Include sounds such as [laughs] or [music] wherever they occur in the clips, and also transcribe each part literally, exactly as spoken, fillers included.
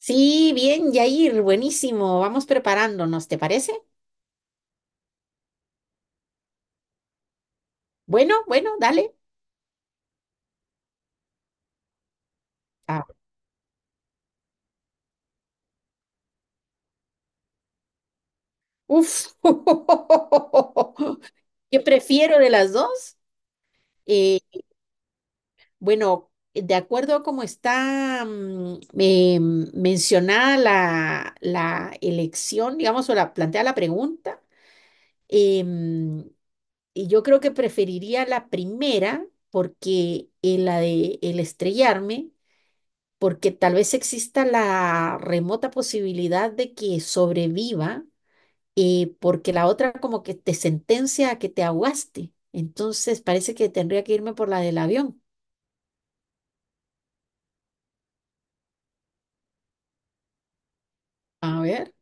Sí, bien, Yair, buenísimo. Vamos preparándonos, ¿te parece? Bueno, bueno, dale. Ah, uf. [laughs] ¿Qué prefiero de las dos? Eh, bueno, de acuerdo a cómo está mm, eh, mencionada la, la elección, digamos, o la plantea la pregunta, em, y yo creo que preferiría la primera porque eh, la de el estrellarme, porque tal vez exista la remota posibilidad de que sobreviva, eh, porque la otra como que te sentencia a que te ahogaste. Entonces parece que tendría que irme por la del avión. A ver.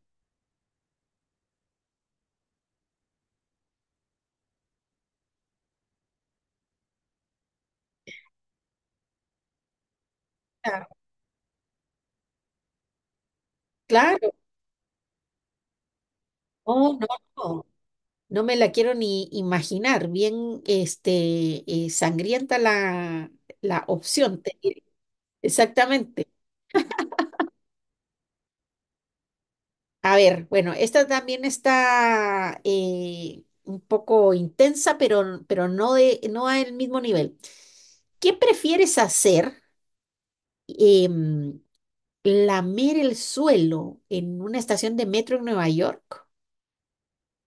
Ah. Claro. Oh, no, no. No me la quiero ni imaginar. Bien, este, eh, sangrienta la, la opción, te diré. Exactamente. A ver, bueno, esta también está eh, un poco intensa, pero, pero no de, no al mismo nivel. ¿Qué prefieres hacer? Em, ¿lamer el suelo en una estación de metro en Nueva York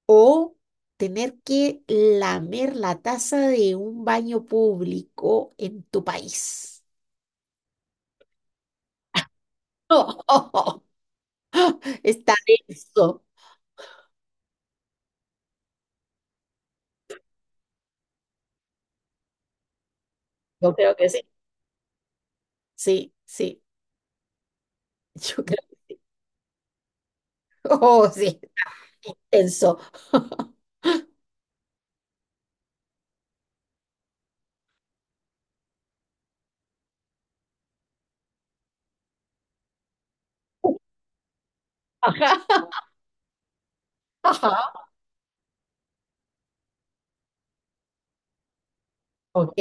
o tener que lamer la taza de un baño público en tu país? [laughs] Está denso. Yo creo que sí. Sí, sí. Yo creo, [laughs] oh, sí, tenso. Ajá, ajá. Ok.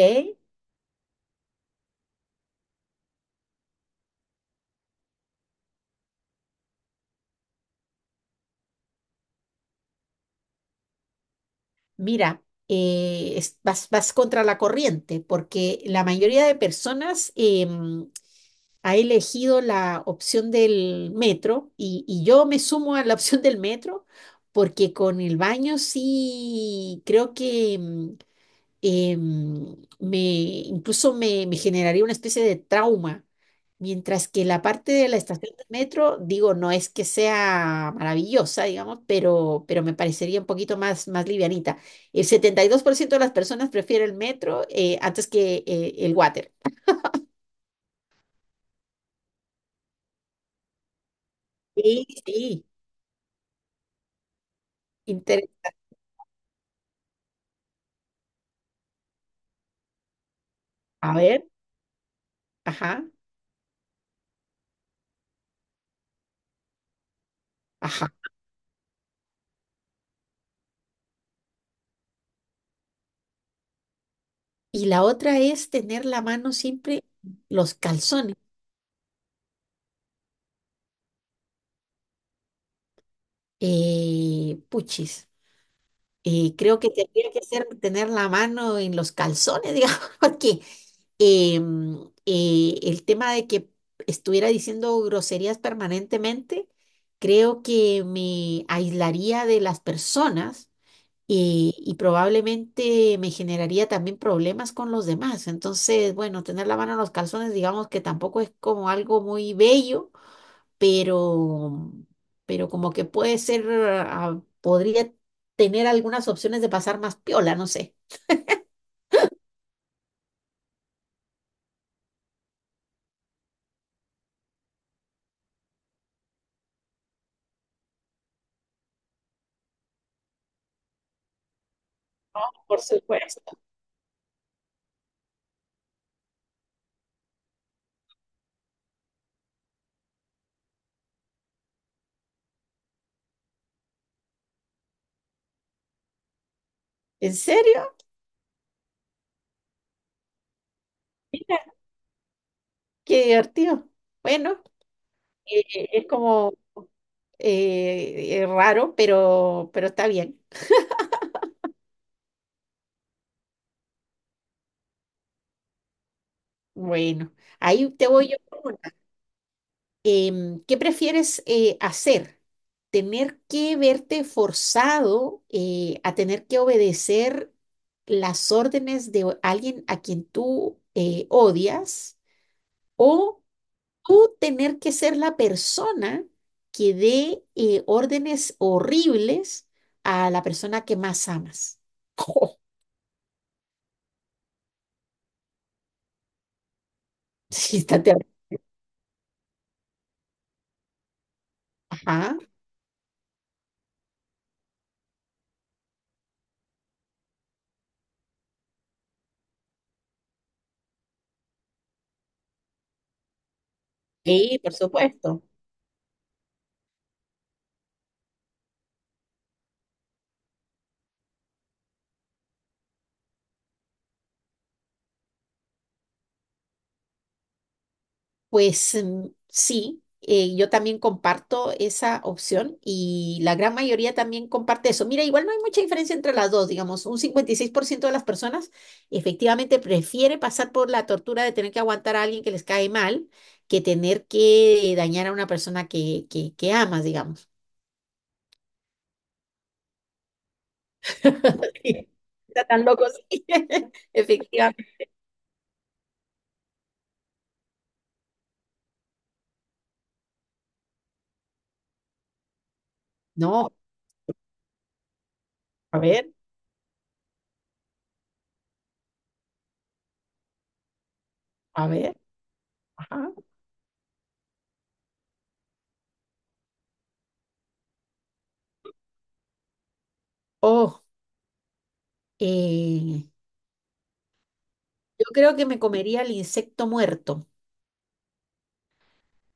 Mira, eh, es- vas, vas contra la corriente porque la mayoría de personas em, ha elegido la opción del metro y, y yo me sumo a la opción del metro porque con el baño sí creo que, em, eh, me, incluso me, me generaría una especie de trauma, mientras que la parte de la estación de metro, digo, no es que sea maravillosa, digamos, pero, pero me parecería un poquito más, más livianita. El setenta y dos por ciento de las personas prefiere el metro eh, antes que eh, el water. Sí, sí, inter- A ver, ajá, ajá. Y la otra es tener la mano siempre en los calzones. Eh, puchis. Y creo que tendría que ser tener la mano en los calzones, [laughs] digamos, porque em, eh, el tema de que estuviera diciendo groserías permanentemente, creo que me aislaría de las personas eh, y probablemente me generaría también problemas con los demás. Entonces, bueno, tener la mano en los calzones, digamos que tampoco es como algo muy bello, pero, pero como que puede ser, ah, podría tener algunas opciones de pasar más piola, no sé. Por supuesto. ¿En serio? Mira, qué divertido. Bueno, eh, es como eh, eh, raro, pero, pero está bien. Bueno, ahí te voy yo. em, ¿qué prefieres eh, hacer? ¿Tener que verte forzado eh, a tener que obedecer las órdenes de o- alguien a quien tú eh, odias? ¿O tú tener que ser la persona que dé eh, órdenes horribles a la persona que más amas? [laughs] Sí, está terrible. Ajá. Sí, por supuesto. Pues mm, sí, eh, yo también comparto esa opción y la gran mayoría también comparte eso. Mira, igual no hay mucha diferencia entre las dos, digamos, un cincuenta y seis por ciento de las personas efectivamente prefiere pasar por la tortura de tener que aguantar a alguien que les cae mal que tener que dañar a una persona que, que, que amas, digamos. [laughs] Está tan loco, sí. [laughs] Efectivamente. No, a ver, a ver. Ajá. Oh, eh, yo creo que me comería el insecto muerto.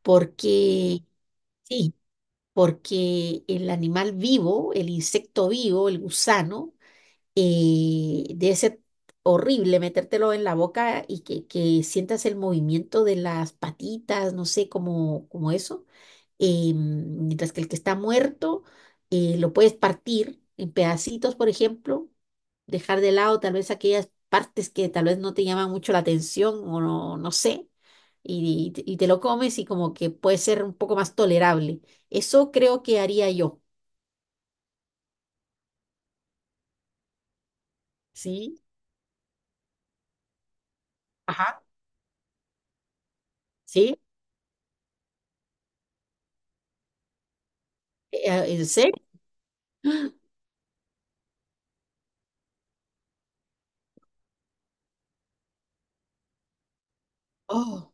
Porque, sí, porque el animal vivo, el insecto vivo, el gusano, eh, debe ser horrible metértelo en la boca y que, que sientas el movimiento de las patitas, no sé, como, como eso. Eh, mientras que el que está muerto, eh, lo puedes partir en pedacitos, por ejemplo dejar de lado tal vez aquellas partes que tal vez no te llaman mucho la atención o no, no sé, y, y te y te lo comes y como que puede ser un poco más tolerable. Eso creo que haría yo. Sí, ajá. ¿Sí? Eh, eh, ¿En serio? Oh,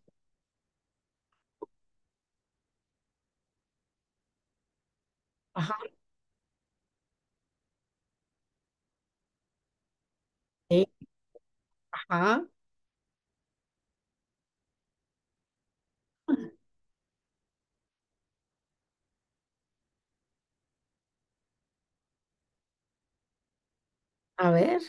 ajá. Sí, ajá. A ver.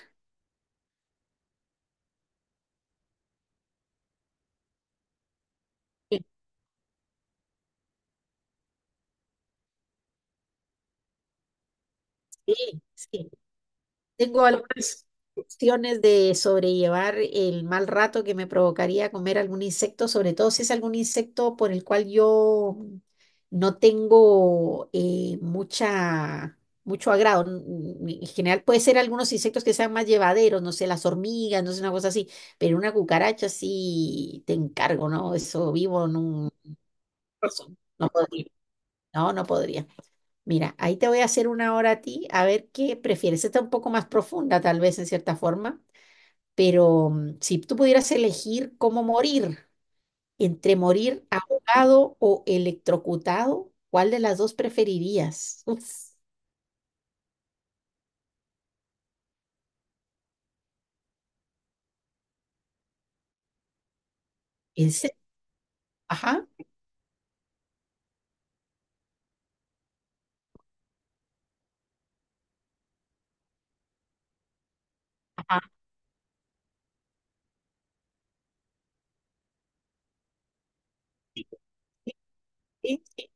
Sí, sí. Tengo algunas opciones de sobrellevar el mal rato que me provocaría comer algún insecto, sobre todo si es algún insecto por el cual yo no tengo eh, mucha, mucho agrado. N- En general puede ser algunos insectos que sean más llevaderos, no sé, las hormigas, no sé, una cosa así, pero una cucaracha sí te encargo, ¿no? Eso vivo en un... No podría. No, no podría. Mira, ahí te voy a hacer una hora a ti, a ver qué prefieres. Esta es un poco más profunda, tal vez en cierta forma, pero mm, si tú pudieras elegir cómo morir, entre morir ahogado o electrocutado, ¿cuál de las dos preferirías? Uf, ese, ajá, ajá, sí, sí.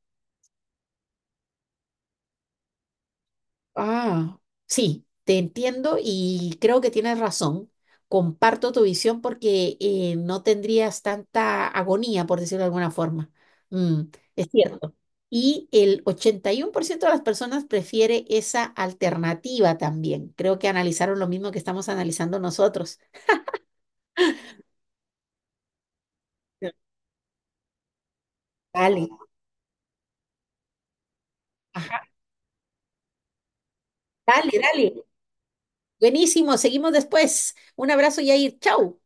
Ah, sí, te entiendo y creo que tienes razón. Comparto tu visión porque eh, no tendrías tanta agonía, por decirlo de alguna forma. Mm, es cierto. Y el ochenta y uno por ciento de las personas prefiere esa alternativa también. Creo que analizaron lo mismo que estamos analizando nosotros. Sí. Dale, ajá, dale, dale. Buenísimo, seguimos después. Un abrazo, Yair. Chau.